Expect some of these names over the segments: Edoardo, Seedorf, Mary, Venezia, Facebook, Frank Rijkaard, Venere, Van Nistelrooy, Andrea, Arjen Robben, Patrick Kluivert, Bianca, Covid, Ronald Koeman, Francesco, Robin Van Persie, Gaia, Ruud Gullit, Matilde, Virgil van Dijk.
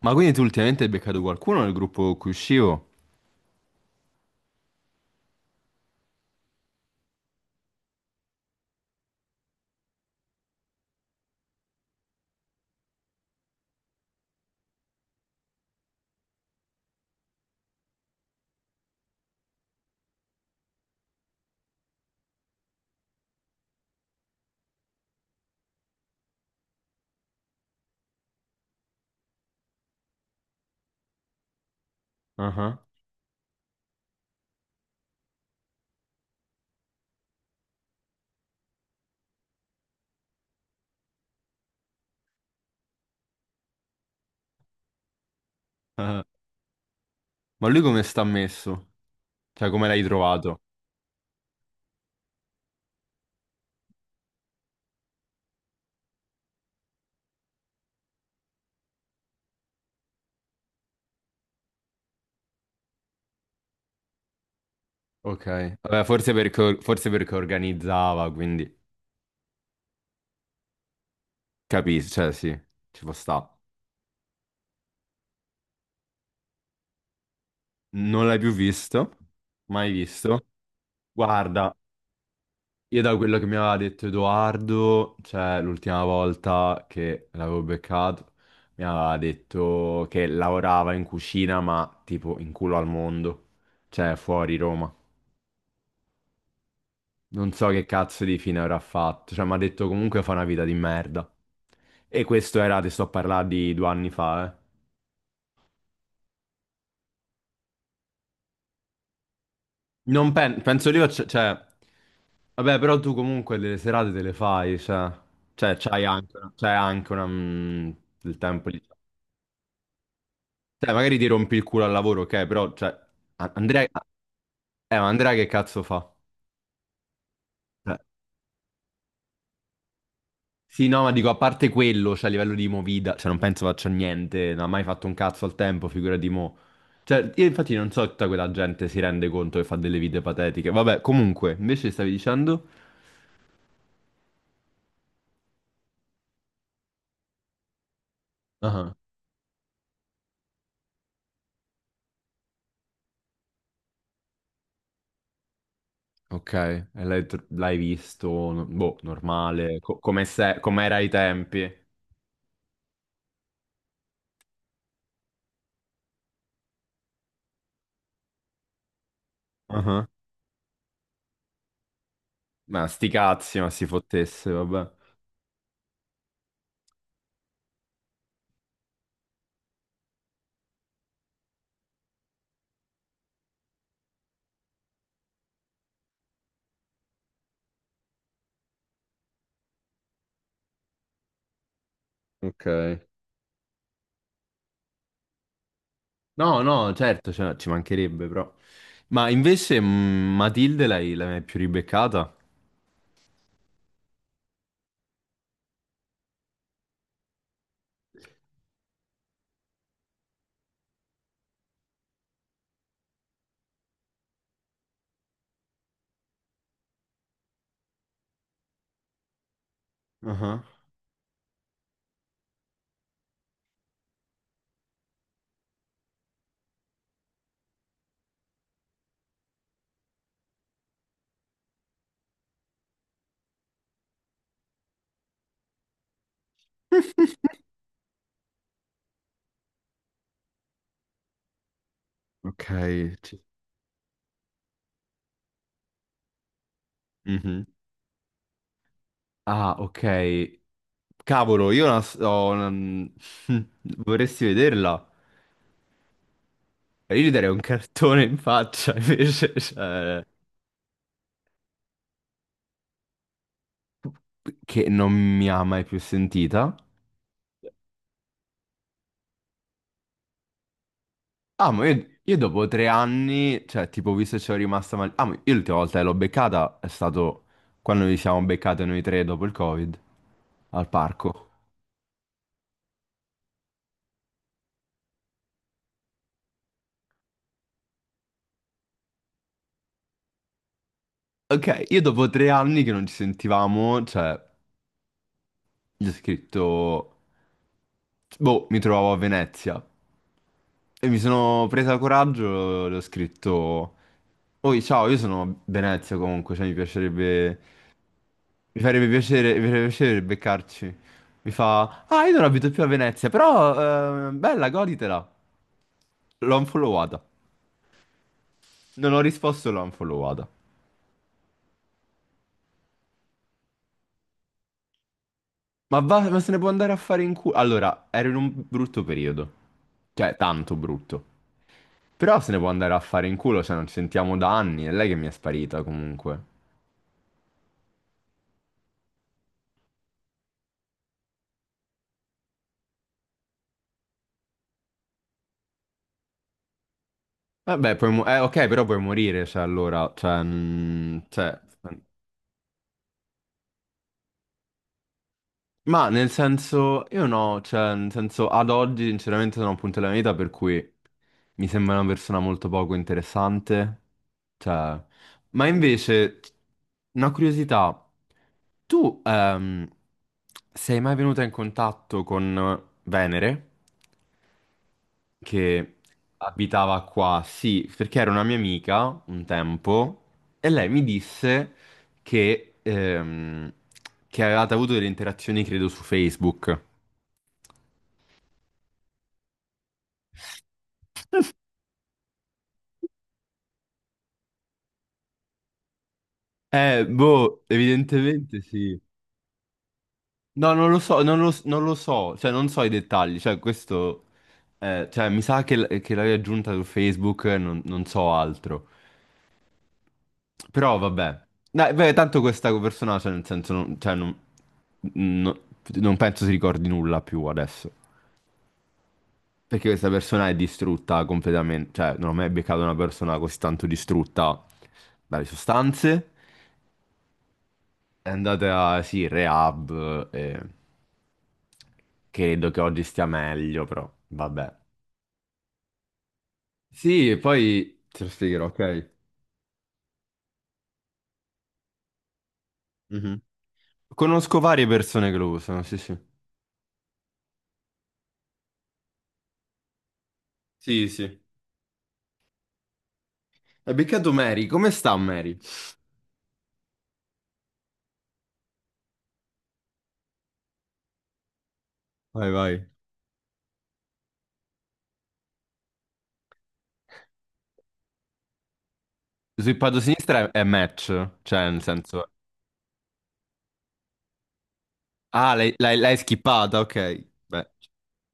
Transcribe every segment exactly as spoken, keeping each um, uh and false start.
Ma quindi tu ultimamente hai beccato qualcuno nel gruppo con cui uscivo? Ah, ah. Ma lui come sta messo? Cioè, come l'hai trovato? Ok. Vabbè, forse perché, forse perché organizzava, quindi capisci, cioè sì, ci può sta. Non l'hai più visto? Mai visto? Guarda, io da quello che mi aveva detto Edoardo, cioè l'ultima volta che l'avevo beccato, mi aveva detto che lavorava in cucina, ma tipo in culo al mondo, cioè fuori Roma. Non so che cazzo di fine avrà fatto, cioè mi ha detto comunque fa una vita di merda. E questo era, ti sto a parlare di due anni fa, eh. Non pen- penso io, c- cioè, vabbè, però tu comunque delle serate te le fai, cioè, cioè c'hai anche, una- c'hai anche una, mm, del tempo lì. Cioè, magari ti rompi il culo al lavoro, ok, però, cioè, A- Andrea, eh, ma Andrea che cazzo fa? Cioè, sì, no, ma dico, a parte quello, cioè a livello di movida, cioè non penso faccia niente, non ha mai fatto un cazzo al tempo, figura di mo. Cioè, io infatti non so se tutta quella gente si rende conto che fa delle vite patetiche. Vabbè, comunque, invece stavi dicendo. Ah, ok, e l'hai tr- l'hai visto, no- boh, normale, co- come se- come era ai tempi. Ah, ma sti cazzi, ma si fottesse, vabbè. Ok. No, no, certo, cioè, ci mancherebbe, però. Ma invece, mh, Matilde l'hai l'hai mai più ribeccata? Ah. Ok. ci- Mhm. Ah, ok. Cavolo, io la s- ho una- vorresti vederla? Io gli darei un cartone in faccia, invece, cioè, che non mi ha mai più sentita. Ah, ma io, io dopo tre anni, cioè, tipo, visto che ci ho rimasta male. Ah, ma io l'ultima volta che l'ho beccata è stato quando ci siamo beccati noi tre dopo il Covid, al parco. Ok, io dopo tre anni che non ci sentivamo, cioè, gli ho scritto. Boh, mi trovavo a Venezia e mi sono presa coraggio, le ho scritto, Oi, ciao, io sono a Venezia comunque, cioè mi piacerebbe, mi farebbe piacere, mi farebbe piacere beccarci. Mi fa, ah, io non abito più a Venezia, però, eh, bella, goditela. L'ho unfollowata. Non ho risposto, l'ho unfollowata. Ma, va, ma se ne può andare a fare in culo. Allora, ero in un brutto periodo. Cioè, tanto brutto. Però se ne può andare a fare in culo, cioè non ci sentiamo da anni. È lei che mi è sparita comunque. Vabbè, puoi mu- eh, ok, però puoi morire, se allora, cioè, mm, cioè, ma nel senso, io no, cioè, nel senso, ad oggi sinceramente sono a un punto della mia vita per cui mi sembra una persona molto poco interessante, cioè, ma invece, una curiosità, tu ehm, sei mai venuta in contatto con Venere, che abitava qua? Sì, perché era una mia amica un tempo, e lei mi disse che, ehm, che avevate avuto delle interazioni, credo, su Facebook. Eh, boh, evidentemente sì. No, non lo so, non lo, non lo so, cioè non so i dettagli, cioè questo, eh, cioè mi sa che, l- che l'avevi aggiunta su Facebook, eh, non, non so altro. Però vabbè. Dai, beh, tanto questa persona, cioè nel senso, non, cioè, non, no- non penso si ricordi nulla più adesso. Perché questa persona è distrutta completamente, cioè non ho mai beccato una persona così tanto distrutta dalle sostanze. È andata, sì, in rehab e credo che oggi stia meglio, però vabbè. Sì, e poi te lo spiegherò, ok? Mhm. Conosco varie persone che lo usano, sì, sì. Sì, sì. Hai beccato Mary, come sta Mary? Vai, vai. Sul lato sinistra è è match, cioè nel senso. Ah, l'hai l'hai- l'hai skippata, ok. Beh.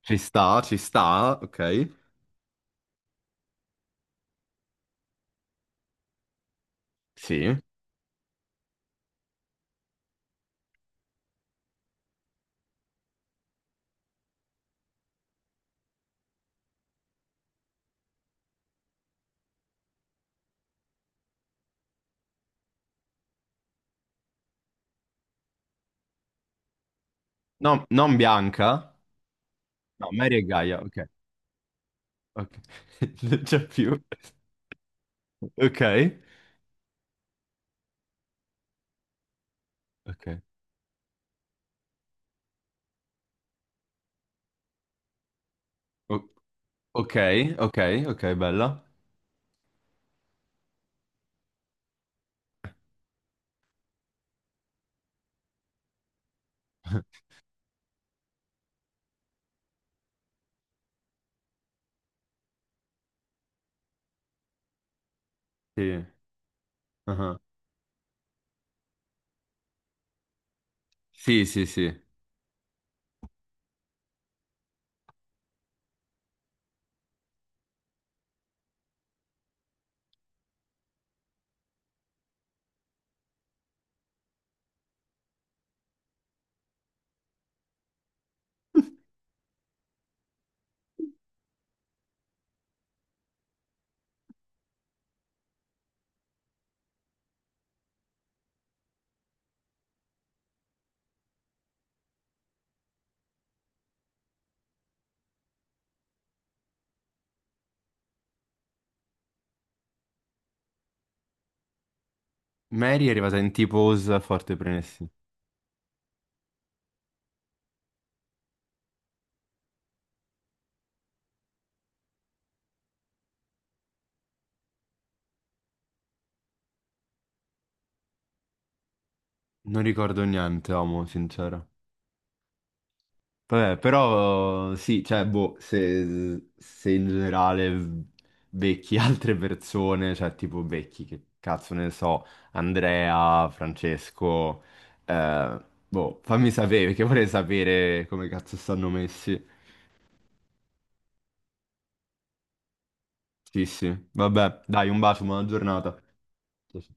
Ci sta, ci sta, ok. Sì. No, non Bianca. No, Mary e Gaia, ok. Ok. Non c'è più. Ok. Ok. O- ok, ok, ok, bella. Sì. Ah. Sì, sì, sì. Mary è arrivata in tipo Osa forte premessi. Non ricordo niente, amo, sincero. Vabbè, però sì, cioè, boh, se, se in generale becchi altre persone, cioè tipo becchi, che cazzo ne so, Andrea, Francesco, eh, boh, fammi sapere, perché vorrei sapere come cazzo stanno messi. Sì, sì, vabbè, dai, un bacio, buona giornata. Sì, sì.